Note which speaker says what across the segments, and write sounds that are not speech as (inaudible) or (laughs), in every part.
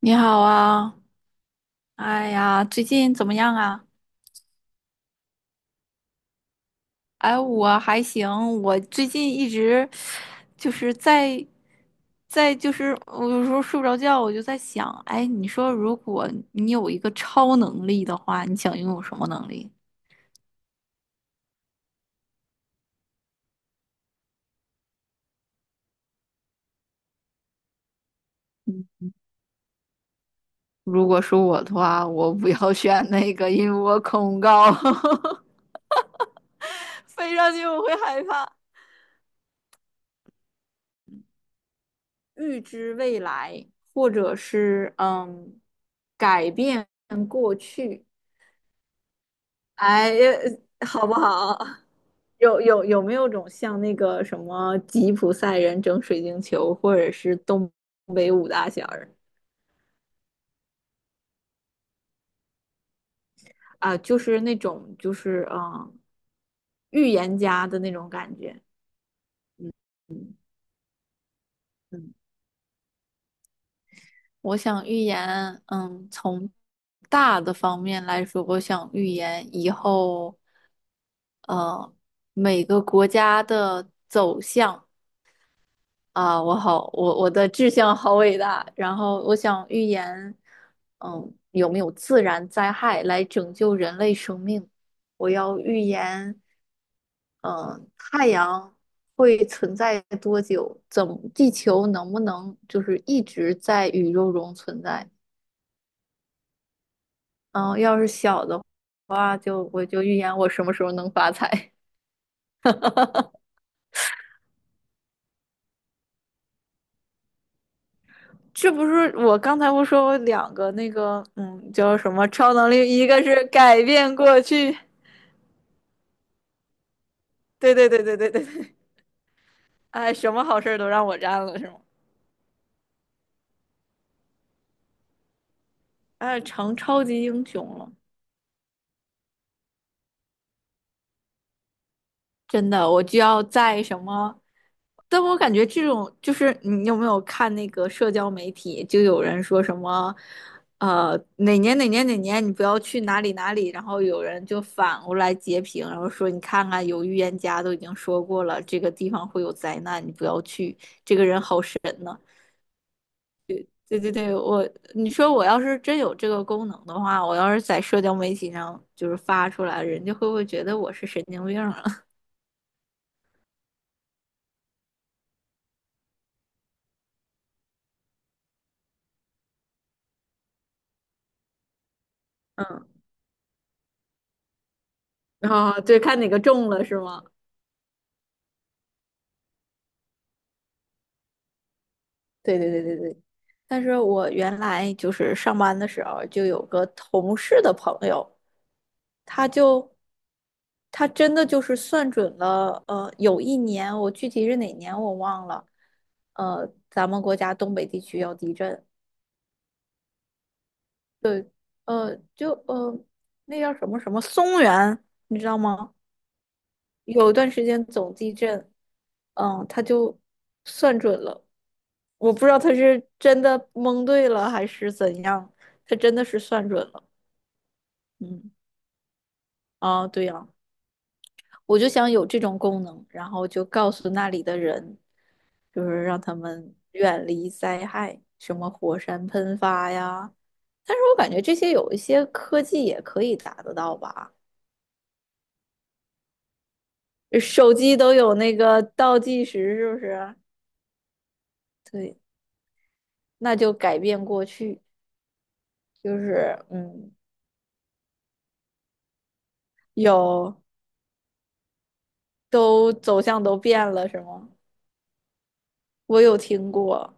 Speaker 1: 你好啊，哎呀，最近怎么样啊？我还行，我最近一直就是在在就是我有时候睡不着觉，我就在想，哎，你说如果你有一个超能力的话，你想拥有什么能力？嗯，如果是我的话，我不要选那个，因为我恐高，(laughs) 飞上去我会害怕。预知未来，或者是改变过去。哎，好不好？有没有种像那个什么吉普赛人整水晶球，或者是东北五大仙儿啊，就是那种就是预言家的那种感觉。嗯嗯，我想预言，从大的方面来说，我想预言以后，呃，每个国家的走向。啊，我的志向好伟大。然后我想预言，有没有自然灾害来拯救人类生命？我要预言，嗯，太阳会存在多久？怎么，地球能不能就是一直在宇宙中存在？嗯，要是小的话，我就预言我什么时候能发财。(laughs) 这不是我刚才不说我两个那个，叫什么超能力？一个是改变过去，对对对对对对对，哎，什么好事儿都让我占了是吗？哎，成超级英雄了。真的，我就要在什么？但我感觉这种就是你有没有看那个社交媒体，就有人说什么，哪年哪年哪年你不要去哪里哪里，然后有人就反过来截屏，然后说你看看有预言家都已经说过了，这个地方会有灾难，你不要去，这个人好神呢。对对对，我你说我要是真有这个功能的话，我要是在社交媒体上就是发出来，人家会不会觉得我是神经病了？(laughs) (laughs) 啊，对，看哪个中了是吗？对对对对对，但是我原来就是上班的时候就有个同事的朋友，他就他真的就是算准了，有一年我具体是哪年我忘了，咱们国家东北地区要地震，呃，就呃那叫什么什么松原，你知道吗？有一段时间总地震，嗯，他就算准了，我不知道他是真的蒙对了还是怎样，他真的是算准了，嗯，啊，对呀，我就想有这种功能，然后就告诉那里的人，就是让他们远离灾害，什么火山喷发呀，但是我感觉这些有一些科技也可以达得到吧，手机都有那个倒计时，是不是？对。那就改变过去，就是有都走向都变了，是吗？我有听过，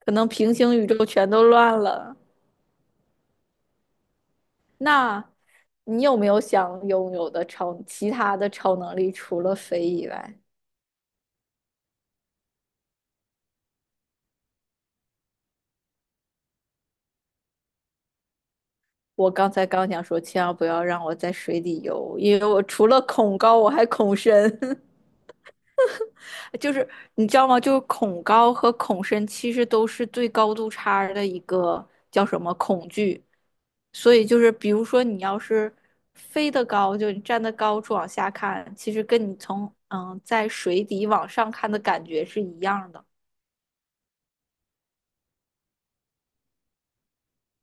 Speaker 1: 可能平行宇宙全都乱了。那你有没有想拥有其他的超能力，除了飞以外？我刚才想说，千万不要让我在水里游，因为我除了恐高，我还恐深。(laughs) 就是你知道吗？就是恐高和恐深其实都是对高度差的一个叫什么恐惧。所以就是，比如说你要是飞得高，就你站得高处往下看，其实跟你从在水底往上看的感觉是一样的。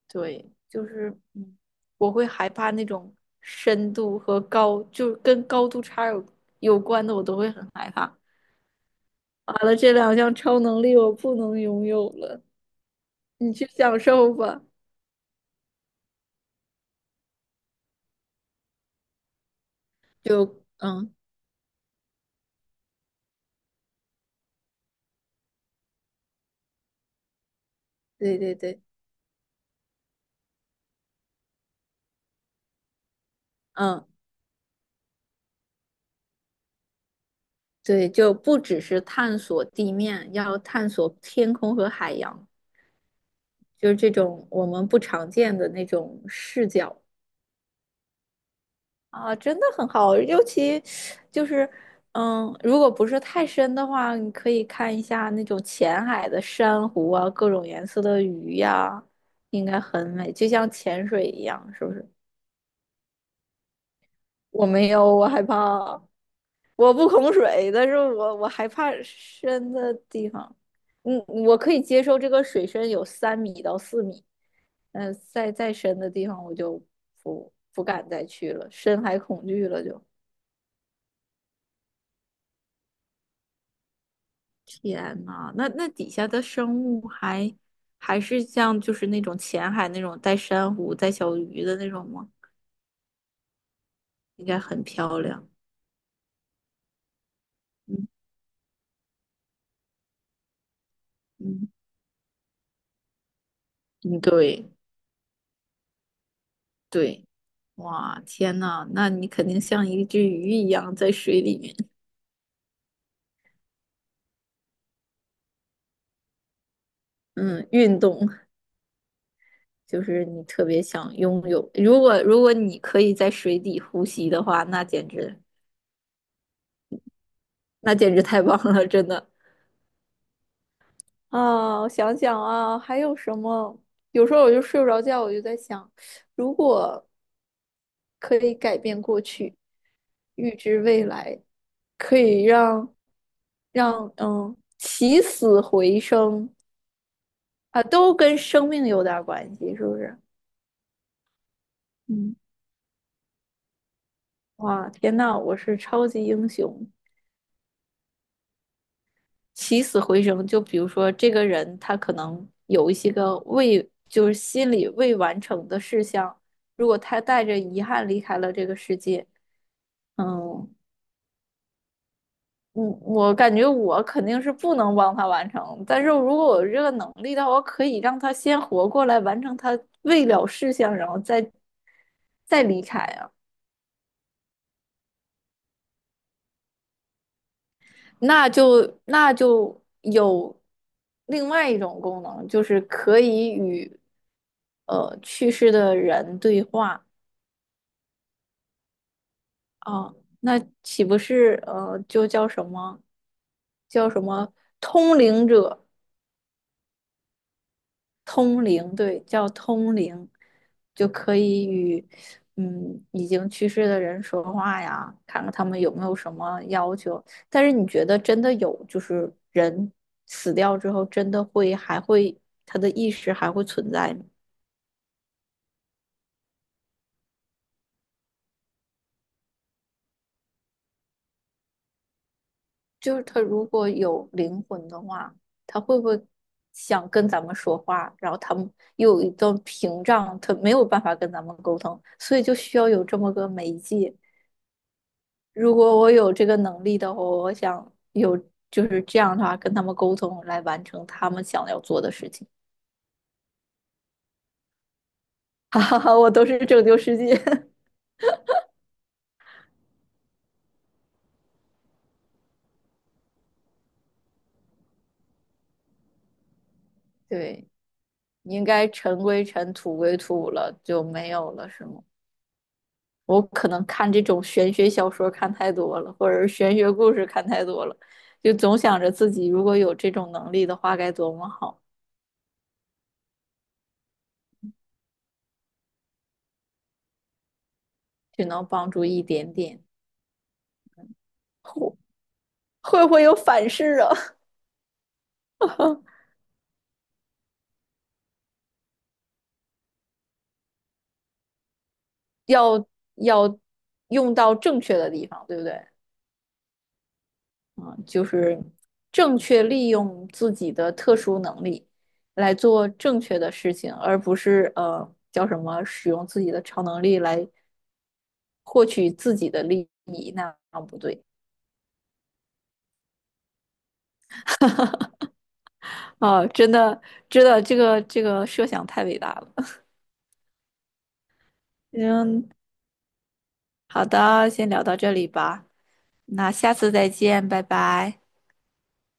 Speaker 1: 对，就是我会害怕那种深度和高，就是跟高度差有关的，我都会很害怕。完了，这两项超能力我不能拥有了，你去享受吧。就嗯，对对对，嗯。对，就不只是探索地面，要探索天空和海洋。就是这种我们不常见的那种视角。啊，真的很好，尤其就是，如果不是太深的话，你可以看一下那种浅海的珊瑚啊，各种颜色的鱼呀、应该很美，就像潜水一样，是不是？我没有，我害怕。我不恐水，但是我害怕深的地方。嗯，我可以接受这个水深有三米到四米，嗯，再深的地方我就不敢再去了，深海恐惧了就。天呐，那底下的生物还还是像就是那种浅海那种带珊瑚、带小鱼的那种吗？应该很漂亮。嗯嗯，嗯，对对，哇，天呐，那你肯定像一只鱼一样在水里面。嗯，运动就是你特别想拥有。如果你可以在水底呼吸的话，那简直那简直太棒了，真的。啊，我想想啊，还有什么？有时候我就睡不着觉，我就在想，如果可以改变过去，预知未来，可以让起死回生啊，都跟生命有点儿关系，是不是？嗯，哇，天呐，我是超级英雄。起死回生，就比如说这个人他可能有一些个未，就是心里未完成的事项，如果他带着遗憾离开了这个世界，嗯我感觉我肯定是不能帮他完成，但是如果我有这个能力的话，我可以让他先活过来，完成他未了事项，然后再离开啊，那就有另外一种功能，就是可以与。去世的人对话啊，那岂不是就叫什么通灵者？通灵，对，叫通灵，就可以与已经去世的人说话呀，看看他们有没有什么要求。但是你觉得真的有，就是人死掉之后，真的会还会他的意识还会存在吗？就是他如果有灵魂的话，他会不会想跟咱们说话？然后他们又有一段屏障，他没有办法跟咱们沟通，所以就需要有这么个媒介。如果我有这个能力的话，我想有就是这样的话跟他们沟通，来完成他们想要做的事情。(laughs) 哈哈哈，我都是拯救世界。(laughs) 对，应该尘归尘，土归土了，就没有了，是吗？我可能看这种玄学小说看太多了，或者是玄学故事看太多了，就总想着自己如果有这种能力的话该多么好，就能帮助一点点。会会不会有反噬啊？(laughs) 要要用到正确的地方，对不对？嗯，就是正确利用自己的特殊能力来做正确的事情，而不是呃叫什么使用自己的超能力来获取自己的利益，那样不对。哦，真的，真的，这个设想太伟大了。嗯，好的，先聊到这里吧，那下次再见，拜拜。